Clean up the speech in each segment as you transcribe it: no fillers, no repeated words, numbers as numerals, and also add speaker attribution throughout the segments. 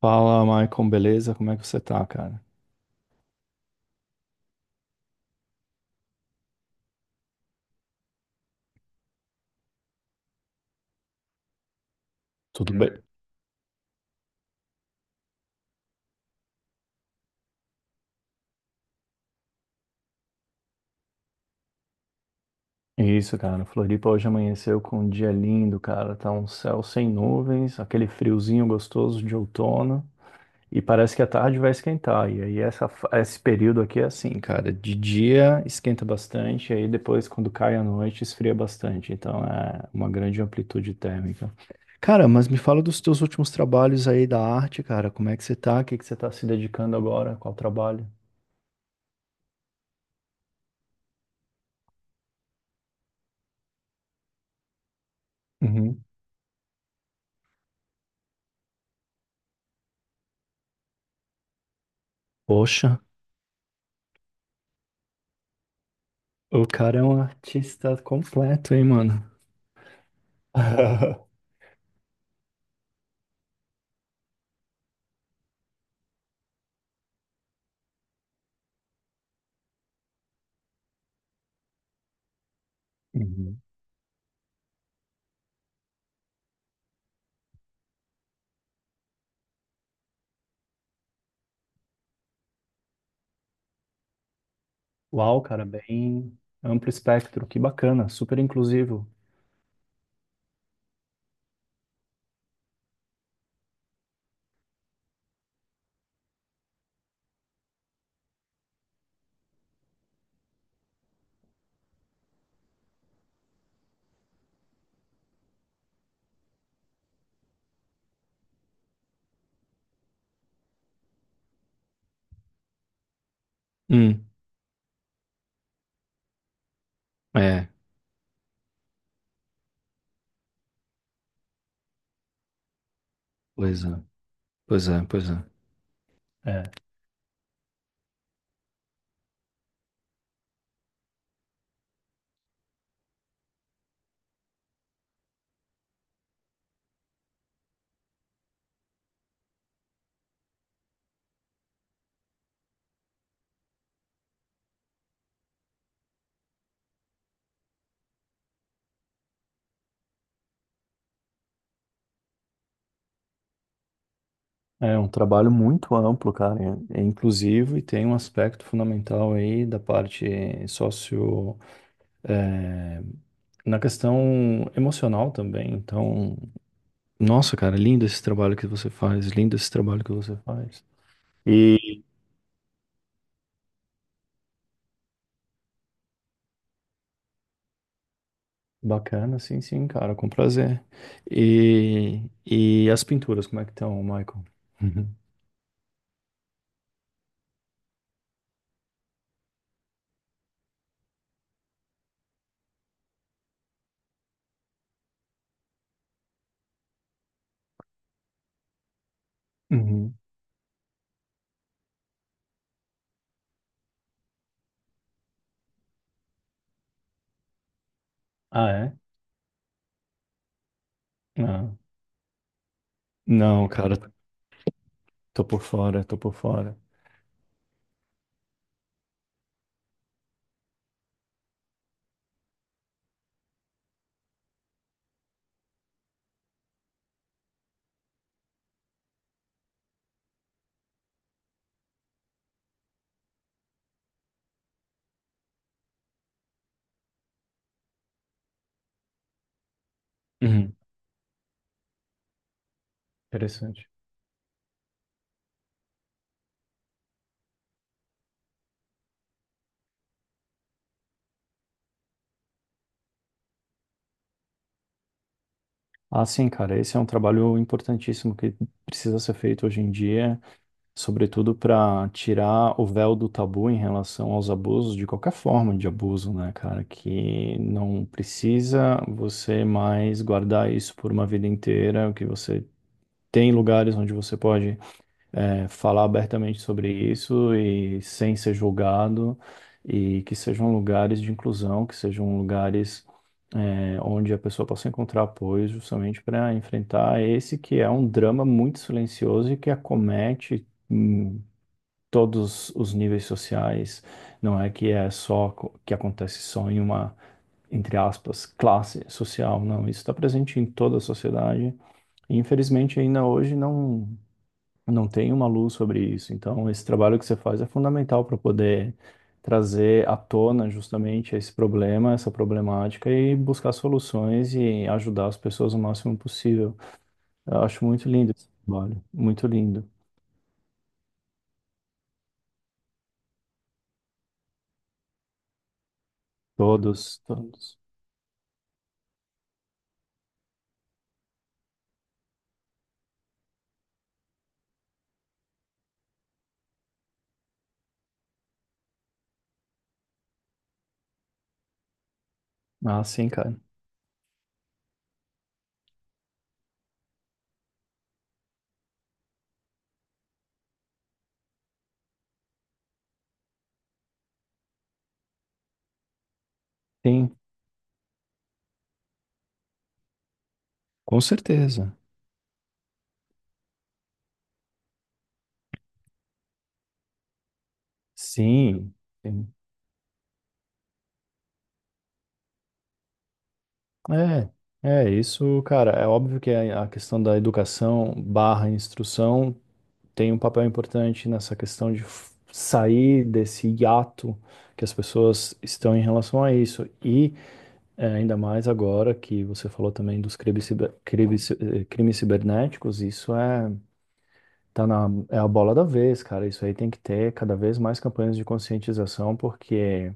Speaker 1: Fala, Maicon, beleza? Como é que você tá, cara? Tudo bem. Isso, cara. Floripa hoje amanheceu com um dia lindo, cara. Tá um céu sem nuvens, aquele friozinho gostoso de outono. E parece que a tarde vai esquentar. E aí esse período aqui é assim, cara. De dia esquenta bastante, e aí depois, quando cai a noite, esfria bastante. Então é uma grande amplitude térmica. Cara, mas me fala dos teus últimos trabalhos aí da arte, cara. Como é que você tá? O que que você tá se dedicando agora? Qual trabalho? Uhum. Poxa. O cara é um artista completo, hein, mano? Uhum. Uau, cara, bem amplo espectro, que bacana, super inclusivo. Hum, é, pois é, pois é. É, é um trabalho muito amplo, cara, é é inclusivo e tem um aspecto fundamental aí da parte sócio, é, na questão emocional também. Então, nossa, cara, lindo esse trabalho que você faz, lindo esse trabalho que você faz. Bacana, sim, sim, cara, com prazer. E as pinturas, como é que estão, Michael? Uhum. Uhum. Ah, é? Não. Não, cara, tô por fora, tô por fora. Uhum. Interessante. Ah, sim, cara, esse é um trabalho importantíssimo que precisa ser feito hoje em dia, sobretudo para tirar o véu do tabu em relação aos abusos, de qualquer forma de abuso, né, cara? Que não precisa você mais guardar isso por uma vida inteira, que você tem lugares onde você pode, é, falar abertamente sobre isso e sem ser julgado, e que sejam lugares de inclusão, que sejam lugares, é, onde a pessoa possa encontrar apoio justamente para enfrentar esse que é um drama muito silencioso e que acomete todos os níveis sociais. Não é que é só que acontece só em uma, entre aspas, classe social. Não, isso está presente em toda a sociedade. E, infelizmente, ainda hoje não tem uma luz sobre isso. Então, esse trabalho que você faz é fundamental para poder trazer à tona justamente esse problema, essa problemática e buscar soluções e ajudar as pessoas o máximo possível. Eu acho muito lindo esse trabalho, muito lindo. Todos, todos. Ah, sim, cara. Sim. Com certeza. Sim, sim. É, é isso, cara. É óbvio que a questão da educação barra instrução tem um papel importante nessa questão de sair desse hiato que as pessoas estão em relação a isso. E, é, ainda mais agora que você falou também dos crimes, ciber- crimes, ci- eh, crimes cibernéticos, isso é, é a bola da vez, cara. Isso aí tem que ter cada vez mais campanhas de conscientização, porque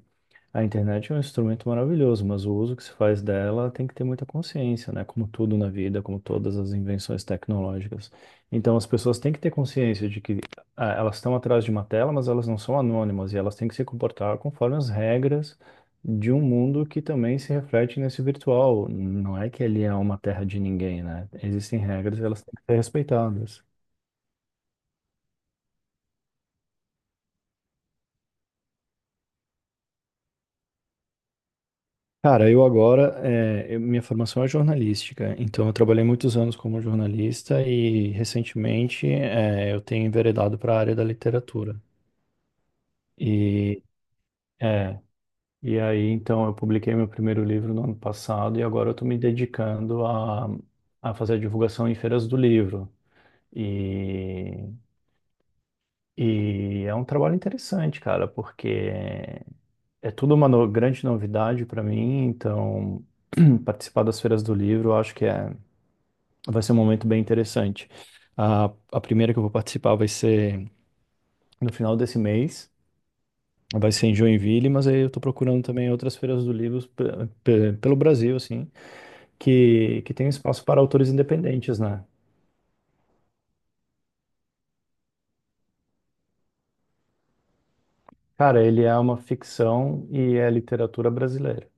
Speaker 1: a internet é um instrumento maravilhoso, mas o uso que se faz dela tem que ter muita consciência, né? Como tudo na vida, como todas as invenções tecnológicas. Então, as pessoas têm que ter consciência de que, ah, elas estão atrás de uma tela, mas elas não são anônimas e elas têm que se comportar conforme as regras de um mundo que também se reflete nesse virtual. Não é que ele é uma terra de ninguém, né? Existem regras e elas têm que ser respeitadas. Cara, eu agora, minha formação é jornalística, então eu trabalhei muitos anos como jornalista e recentemente, eu tenho enveredado para a área da literatura. E, é, e aí, então, eu publiquei meu primeiro livro no ano passado e agora eu estou me dedicando a fazer a divulgação em feiras do livro. E, e é um trabalho interessante, cara, porque é tudo uma grande novidade para mim, então participar das feiras do livro, eu acho que é. Vai ser um momento bem interessante. A, a primeira que eu vou participar vai ser no final desse mês, vai ser em Joinville, mas aí eu estou procurando também outras feiras do livro pelo Brasil, assim, que tem espaço para autores independentes, né? Cara, ele é uma ficção e é literatura brasileira.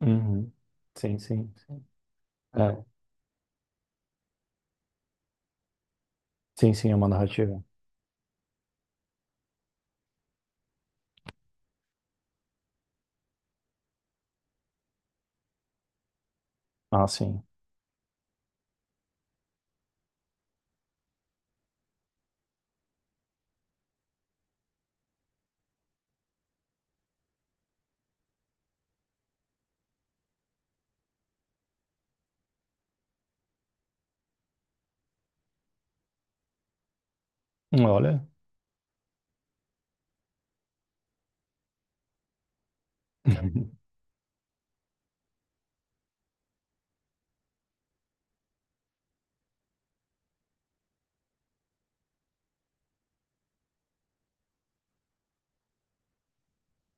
Speaker 1: Uhum. Sim, sim, sim. É, sim, sim, é uma narrativa. Ah, sim. Hum. Olha.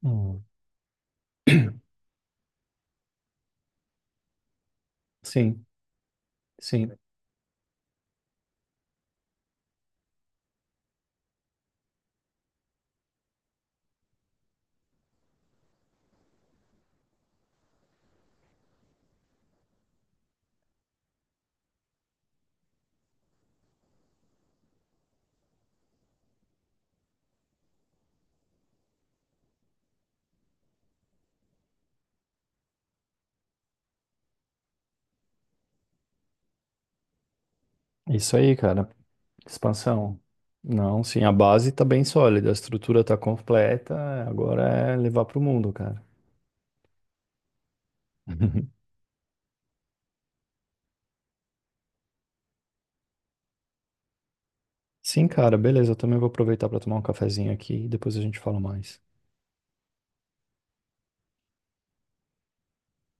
Speaker 1: Hum. Sim, sim. Isso aí, cara. Expansão. Não, sim, a base tá bem sólida, a estrutura tá completa, agora é levar pro mundo, cara. Sim, cara, beleza, eu também vou aproveitar pra tomar um cafezinho aqui e depois a gente fala mais.